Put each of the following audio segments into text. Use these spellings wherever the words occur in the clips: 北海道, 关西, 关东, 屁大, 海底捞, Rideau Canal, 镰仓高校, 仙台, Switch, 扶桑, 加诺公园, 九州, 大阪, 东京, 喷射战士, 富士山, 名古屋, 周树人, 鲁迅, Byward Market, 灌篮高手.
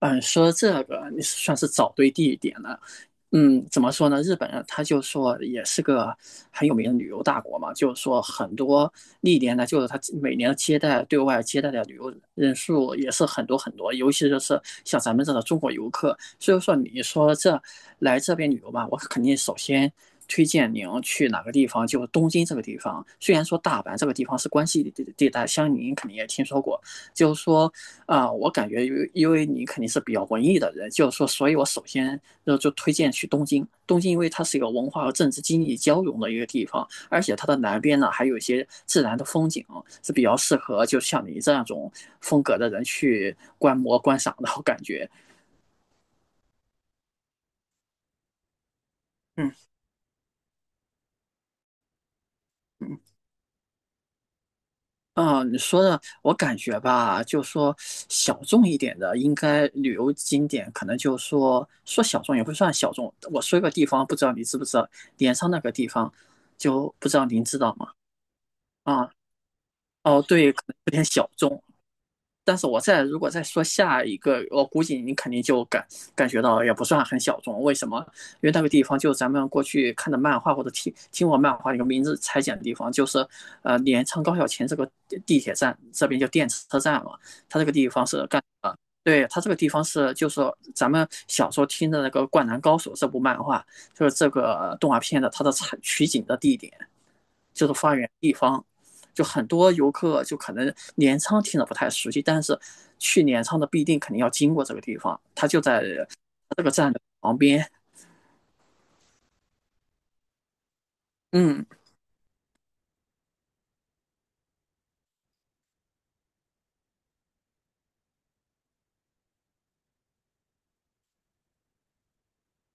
嗯，说这个你算是找对地点了。怎么说呢？日本人他就说也是个很有名的旅游大国嘛，就是说很多历年呢，就是他每年接待对外接待的旅游人数也是很多很多，尤其就是像咱们这种中国游客。所以说，你说来这边旅游嘛，我肯定首先推荐您去哪个地方，就是东京这个地方。虽然说大阪这个地方是关西地带，相信您肯定也听说过，就是说我感觉因为你肯定是比较文艺的人，就是说，所以我首先就推荐去东京。东京因为它是一个文化和政治经济交融的一个地方，而且它的南边呢还有一些自然的风景，是比较适合就像你这样种风格的人去观摩观赏的，我感觉。嗯嗯。啊，你说的我感觉吧，就说小众一点的，应该旅游景点可能就说小众也不算小众。我说一个地方，不知道你知不知道，镰仓那个地方，就不知道您知道吗？啊，哦，对，可能有点小众。但是如果再说下一个，我估计你肯定就感觉到也不算很小众。为什么？因为那个地方就是咱们过去看的漫画或者听过漫画一个名字裁剪的地方，就是镰仓高校琴这个地铁站，这边叫电车站嘛。它这个地方是干的，对，它这个地方是就是咱们小时候听的那个《灌篮高手》这部漫画，就是这个动画片的它的采取景的地点，就是发源地方。就很多游客就可能镰仓听着不太熟悉，但是去镰仓的必定肯定要经过这个地方，它就在这个站的旁边。嗯，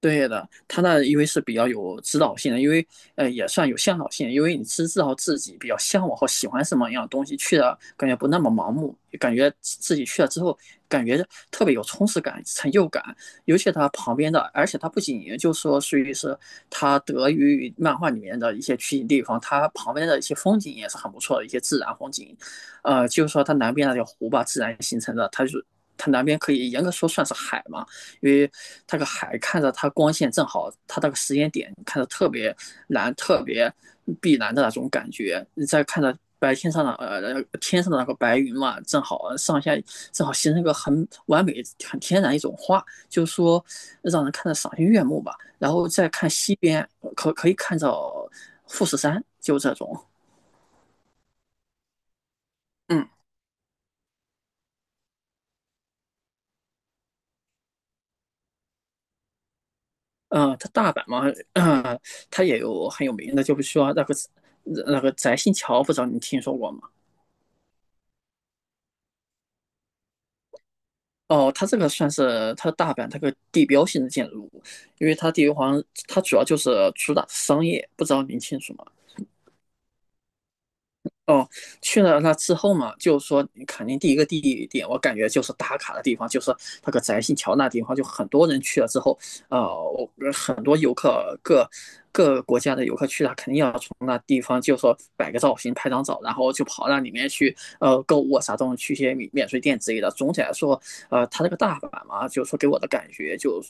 对的，他那因为是比较有指导性的，因为也算有向导性，因为你是知道自己比较向往和喜欢什么样的东西，去了感觉不那么盲目，感觉自己去了之后感觉特别有充实感、成就感。尤其他旁边的，而且他不仅就说属于是他得益于漫画里面的一些取景地方，他旁边的一些风景也是很不错的一些自然风景，就是说它南边那条湖吧，自然形成的，它南边可以严格说算是海嘛。因为那个海看着它光线正好，它那个时间点看着特别蓝、特别碧蓝的那种感觉。你再看着白天上的呃天上的那个白云嘛，正好上下正好形成一个很完美、很天然一种花，就是说让人看着赏心悦目吧。然后再看西边，可以看到富士山，就这种。嗯，它大阪嘛，呃它也有很有名的，就是说那个翟新桥，不知道你听说过吗？哦，它这个算是它大阪它个地标性的建筑物，因为它地好像它主要就是主打商业，不知道您清楚吗？哦，去了那之后嘛，就是说肯定第一个地点，我感觉就是打卡的地方，就是那个宅心桥那地方，就很多人去了之后，呃，我很多游客各各国家的游客去了，肯定要从那地方就说摆个造型、拍张照，然后就跑到里面去，购物啊啥东西，去一些免税店之类的。总体来说，它这个大阪嘛，就是说给我的感觉就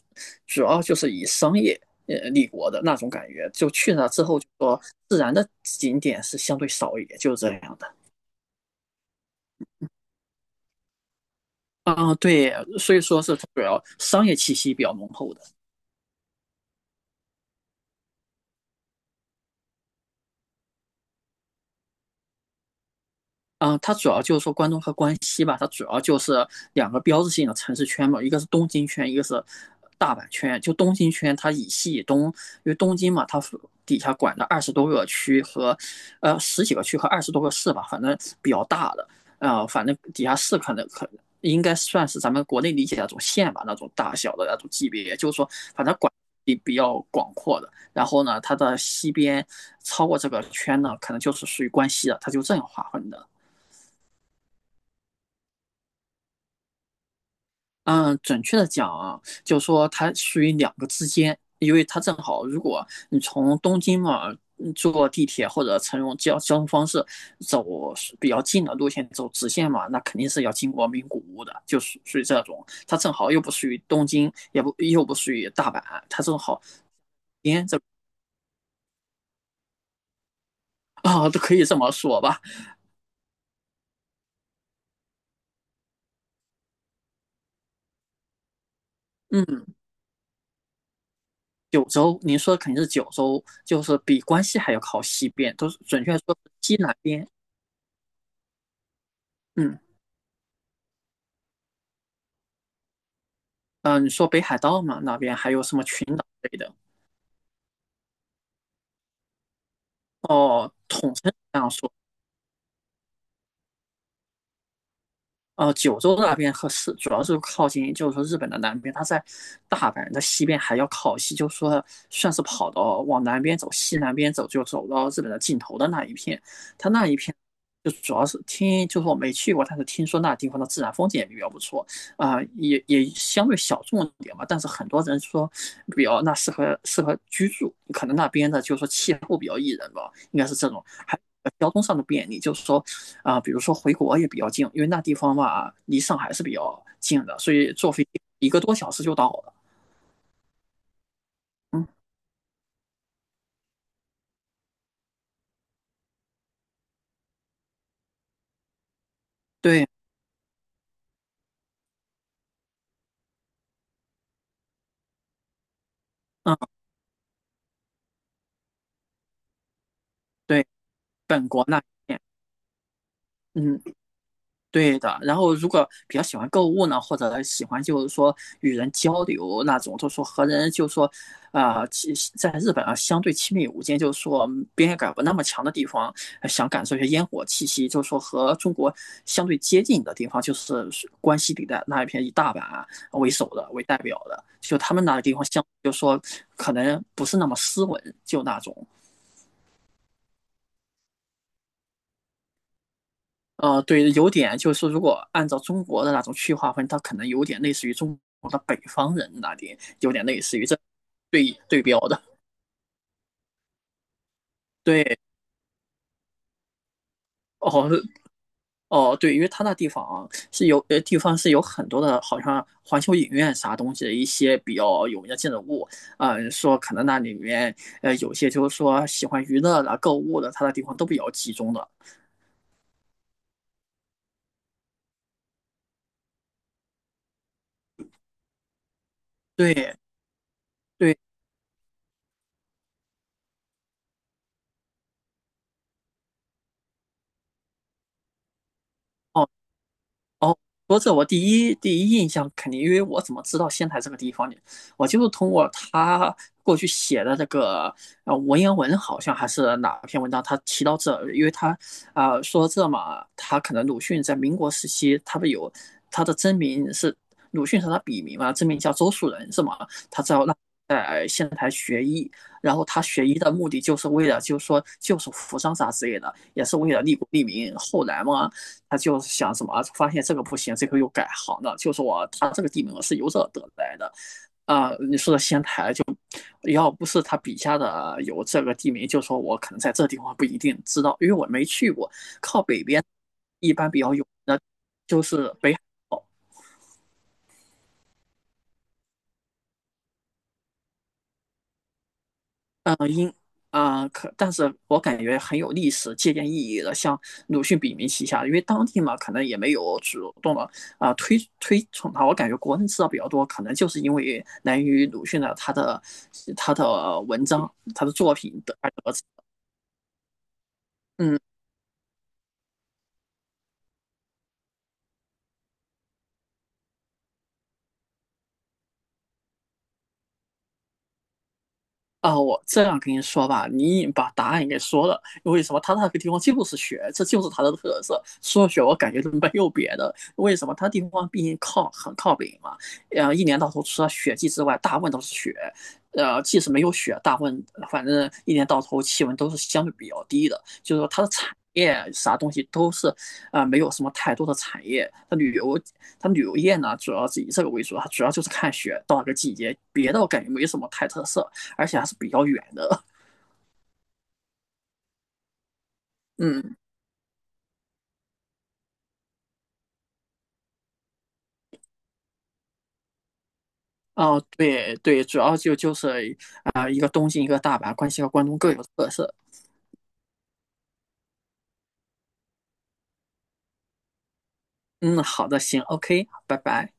主要就是以商业立国的那种感觉，就去了之后就说自然的景点是相对少一点，就是这样的。对，所以说是主要商业气息比较浓厚的。嗯，它主要就是说关东和关西吧，它主要就是两个标志性的城市圈嘛，一个是东京圈，一个是大阪圈。就东京圈，它以西以东，因为东京嘛，它底下管的二十多个区和，十几个区和二十多个市吧，反正比较大的。反正底下市可能应该算是咱们国内理解的那种县吧，那种大小的那种级别，就是说，反正管比较广阔的。然后呢，它的西边超过这个圈呢，可能就是属于关西了，它就这样划分的。嗯，准确的讲啊，就说它属于两个之间，因为它正好，如果你从东京嘛坐地铁或者乘用交通方式走比较近的路线走直线嘛，那肯定是要经过名古屋的，就属于这种。它正好又不属于东京，也不又不属于大阪，它正好边这都可以这么说吧。嗯，九州，您说的肯定是九州，就是比关西还要靠西边，都是准确说是西南边。嗯。你说北海道嘛，那边还有什么群岛类的？哦，统称这样说。呃，九州那边和是主要是靠近，就是说日本的南边，它在大阪的西边还要靠西，就是说算是跑到往南边走，西南边走就走到日本的尽头的那一片。它那一片就主要是听，就是我没去过，但是听说那地方的自然风景也比较不错，也相对小众一点吧。但是很多人说比较那适合居住，可能那边的就是说气候比较宜人吧，应该是这种。还交通上的便利，就是说啊，比如说回国也比较近，因为那地方嘛离上海是比较近的，所以坐飞机一个多小时就到了。嗯，对，嗯，对，本国那边，嗯。对的，然后如果比较喜欢购物呢，或者喜欢就是说与人交流那种，就说和人就说，其在日本啊相对亲密无间，就是说边界感不那么强的地方，想感受一下烟火气息，就是说和中国相对接近的地方，就是关西地带那一片以大阪啊为首的为代表的，就他们那个地方相，就说可能不是那么斯文，就那种，对，有点就是如果按照中国的那种区划分，它可能有点类似于中国的北方人那里，有点类似于这对对标的。对，哦，哦，对，因为它那地方是有地方是有很多的，好像环球影院啥东西的一些比较有名的建筑物，啊，说可能那里面有些就是说喜欢娱乐的、购物的，它那地方都比较集中的。对对，哦。哦，说这我第一印象肯定，因为我怎么知道仙台这个地方呢？我就是通过他过去写的这个文言文，好像还是哪篇文章，他提到这，因为他说这嘛，他可能鲁迅在民国时期，他不有他的真名是鲁迅是他笔名嘛，真名叫周树人是吗？他在然后他学医的目的就是为了，就是说救赎扶桑啥之类的，也是为了利国利民。后来嘛，他就想什么，发现这个不行，这个又改行了，就是我，他这个地名是由这得来的，要不是他笔下的有这个地名，就说我可能在这地方不一定知道，因为我没去过。靠北边一般比较有名的就是北海，可但是我感觉很有历史借鉴意义的，像鲁迅笔名旗下，因为当地嘛，可能也没有主动的推崇它。我感觉国人知道比较多，可能就是因为来源于鲁迅的他的文章、他的作品的。嗯。啊，我这样跟你说吧，你已经把答案给说了。为什么他那个地方就是雪，这就是它的特色。说雪，学，我感觉都没有别的。为什么他地方毕竟靠很靠北嘛，一年到头除了雪季之外，大部分都是雪。即使没有雪，大部分反正一年到头气温都是相对比较低的，就是说它的产业啥东西都是没有什么太多的产业。它旅游，它旅游业呢，主要是以这个为主，它主要就是看雪到哪个季节，别的我感觉没什么太特色。而且还是比较远的。嗯，哦，对对，主要就是一个东京，一个大阪，关西和关东各有特色。嗯，好的，行，OK，拜拜。